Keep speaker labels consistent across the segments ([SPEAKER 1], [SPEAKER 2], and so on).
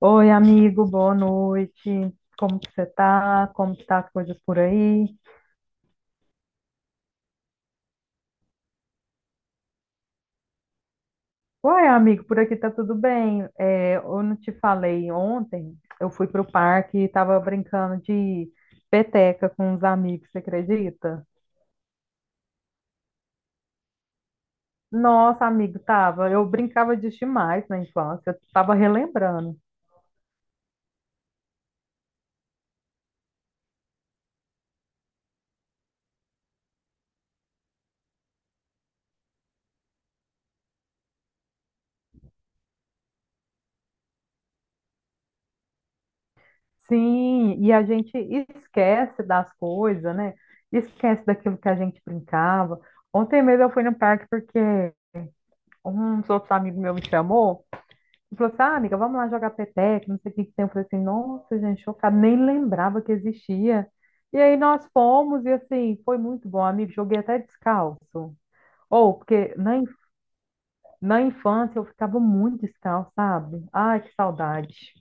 [SPEAKER 1] Oi, amigo, boa noite. Como que você tá? Como que tá as coisas por aí? Uai, amigo, por aqui tá tudo bem. É, eu não te falei ontem, eu fui pro parque e tava brincando de peteca com uns amigos, você acredita? Nossa, amigo, tava. Eu brincava disso demais na infância, eu tava relembrando. Sim, e a gente esquece das coisas, né? Esquece daquilo que a gente brincava. Ontem mesmo eu fui no parque porque uns outros amigos meus me chamou e falou assim, ah, amiga, vamos lá jogar peteca, não sei o que que tem. Eu falei assim, nossa, gente, chocada, nem lembrava que existia. E aí nós fomos e, assim, foi muito bom, amigo, joguei até descalço. Ou, porque na infância eu ficava muito descalço, sabe? Ai, que saudade.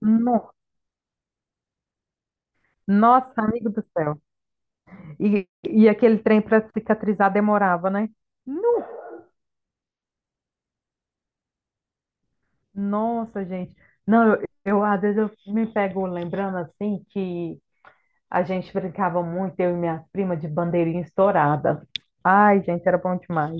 [SPEAKER 1] No- Nossa, amigo do céu. E aquele trem para cicatrizar demorava, né? Nu! Nossa, gente. Não, eu, às vezes eu me pego lembrando assim que a gente brincava muito, eu e minha prima, de bandeirinha estourada. Ai, gente, era bom demais.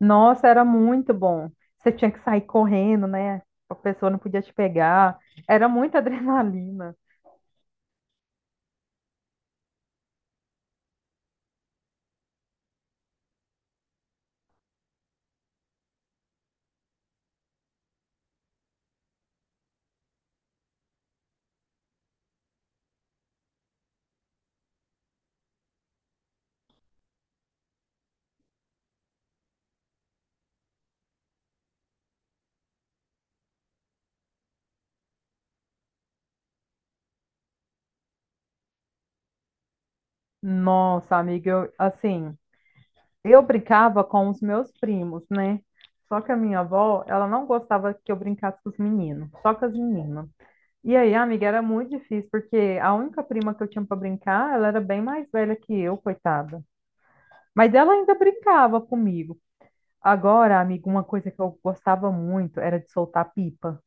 [SPEAKER 1] Nossa, era muito bom. Você tinha que sair correndo, né? A pessoa não podia te pegar. Era muita adrenalina. Nossa, amiga, eu, assim, eu brincava com os meus primos, né? Só que a minha avó, ela não gostava que eu brincasse com os meninos, só com as meninas. E aí, amiga, era muito difícil, porque a única prima que eu tinha para brincar, ela era bem mais velha que eu, coitada. Mas ela ainda brincava comigo. Agora, amiga, uma coisa que eu gostava muito era de soltar pipa.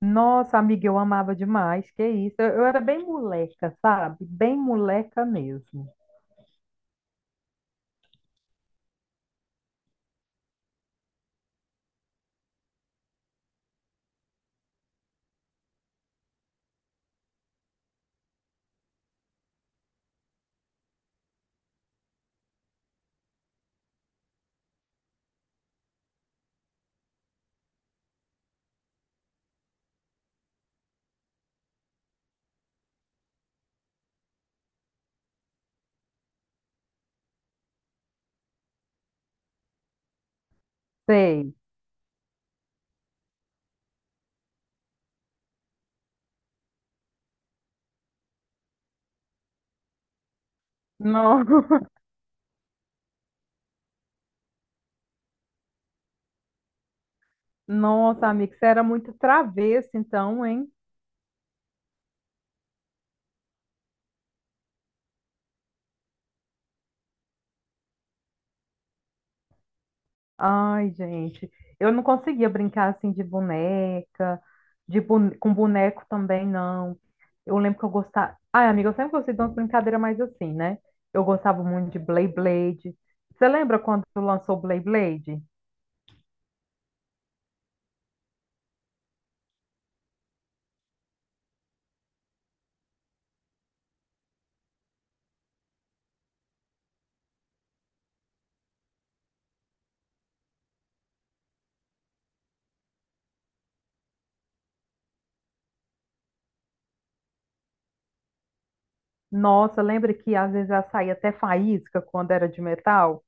[SPEAKER 1] Nossa, amiga, eu amava demais, que isso. Eu era bem moleca, sabe? Bem moleca mesmo. Sei. No- Nossa, amigo, você era muito travesso, então, hein? Ai, gente, eu não conseguia brincar assim de boneca, com boneco também, não. Eu lembro que eu gostava. Ai, amiga, eu sempre gostei de umas brincadeiras mais assim, né? Eu gostava muito de Beyblade. Você lembra quando lançou Beyblade? Nossa, lembra que às vezes ela saía até faísca quando era de metal?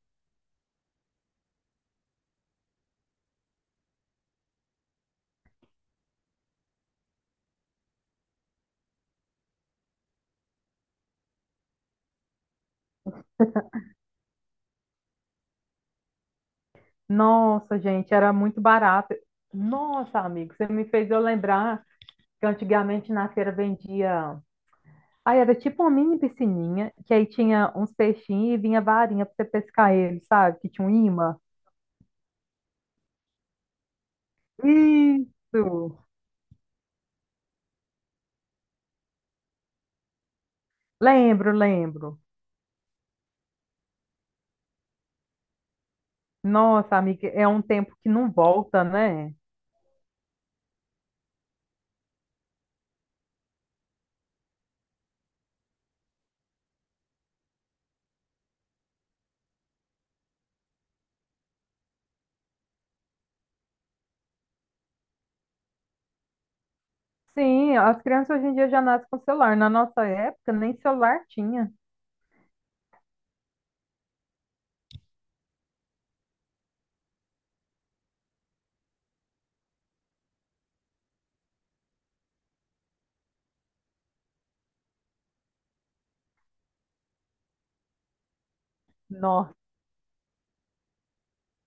[SPEAKER 1] Nossa, gente, era muito barato. Nossa, amigo, você me fez eu lembrar que antigamente na feira vendia. Aí era tipo uma mini piscininha, que aí tinha uns peixinhos e vinha varinha pra você pescar eles, sabe? Que tinha um imã. Isso! Lembro, lembro. Nossa, amiga, é um tempo que não volta, né? Sim, as crianças hoje em dia já nascem com celular. Na nossa época, nem celular tinha. Nossa.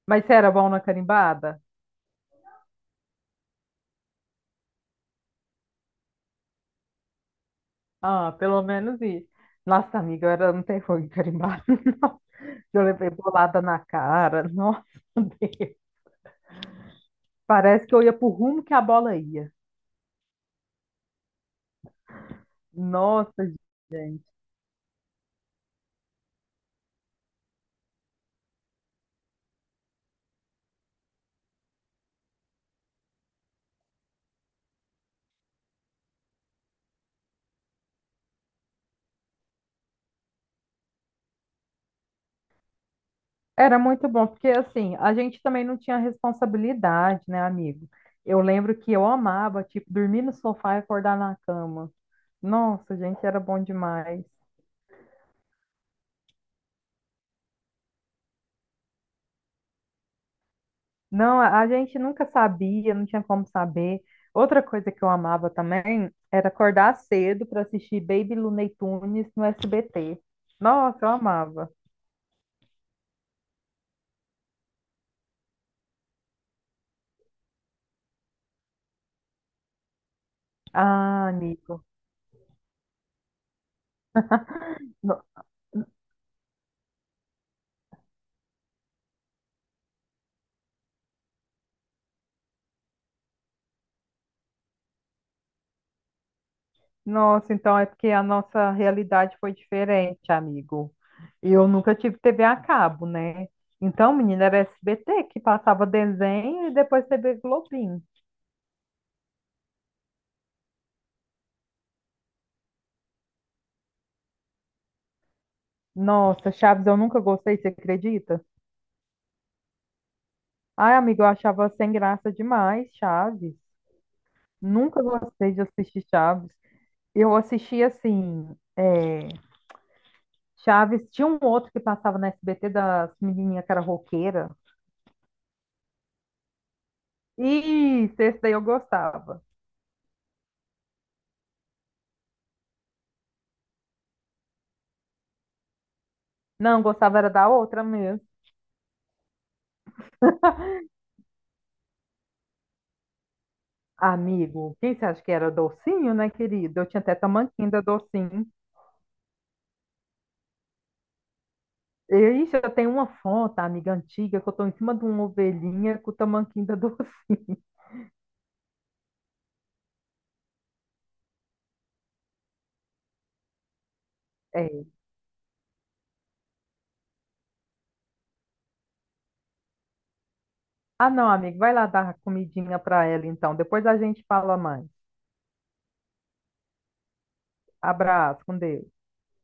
[SPEAKER 1] Mas você era bom na carimbada? Ah, pelo menos isso. Nossa, amiga, eu era, não tem fogo em carimbada, não. Eu levei bolada na cara. Nossa! Parece que eu ia pro rumo que a bola ia. Nossa, gente. Era muito bom, porque assim, a gente também não tinha responsabilidade, né, amigo? Eu lembro que eu amava, tipo, dormir no sofá e acordar na cama. Nossa, gente, era bom demais. Não, a gente nunca sabia, não tinha como saber. Outra coisa que eu amava também era acordar cedo para assistir Baby Looney Tunes no SBT. Nossa, eu amava. Ah, Nico. Nossa, então é porque a nossa realidade foi diferente, amigo. Eu nunca tive TV a cabo, né? Então, menina, era SBT que passava desenho e depois TV Globinho. Nossa, Chaves eu nunca gostei, você acredita? Ai, amigo, eu achava sem graça demais, Chaves. Nunca gostei de assistir Chaves. Eu assistia assim, é, Chaves, tinha um outro que passava na SBT das menininhas que era roqueira. Isso, esse daí eu gostava. Não, gostava era da outra mesmo. Amigo, quem você acha que era docinho, né, querido? Eu tinha até tamanquinho da docinho. E, Ixi, eu tenho uma foto, amiga antiga, que eu tô em cima de uma ovelhinha com o tamanquinho da docinho. É. Ah, não, amigo, vai lá dar comidinha pra ela então. Depois a gente fala mais. Abraço, com Deus.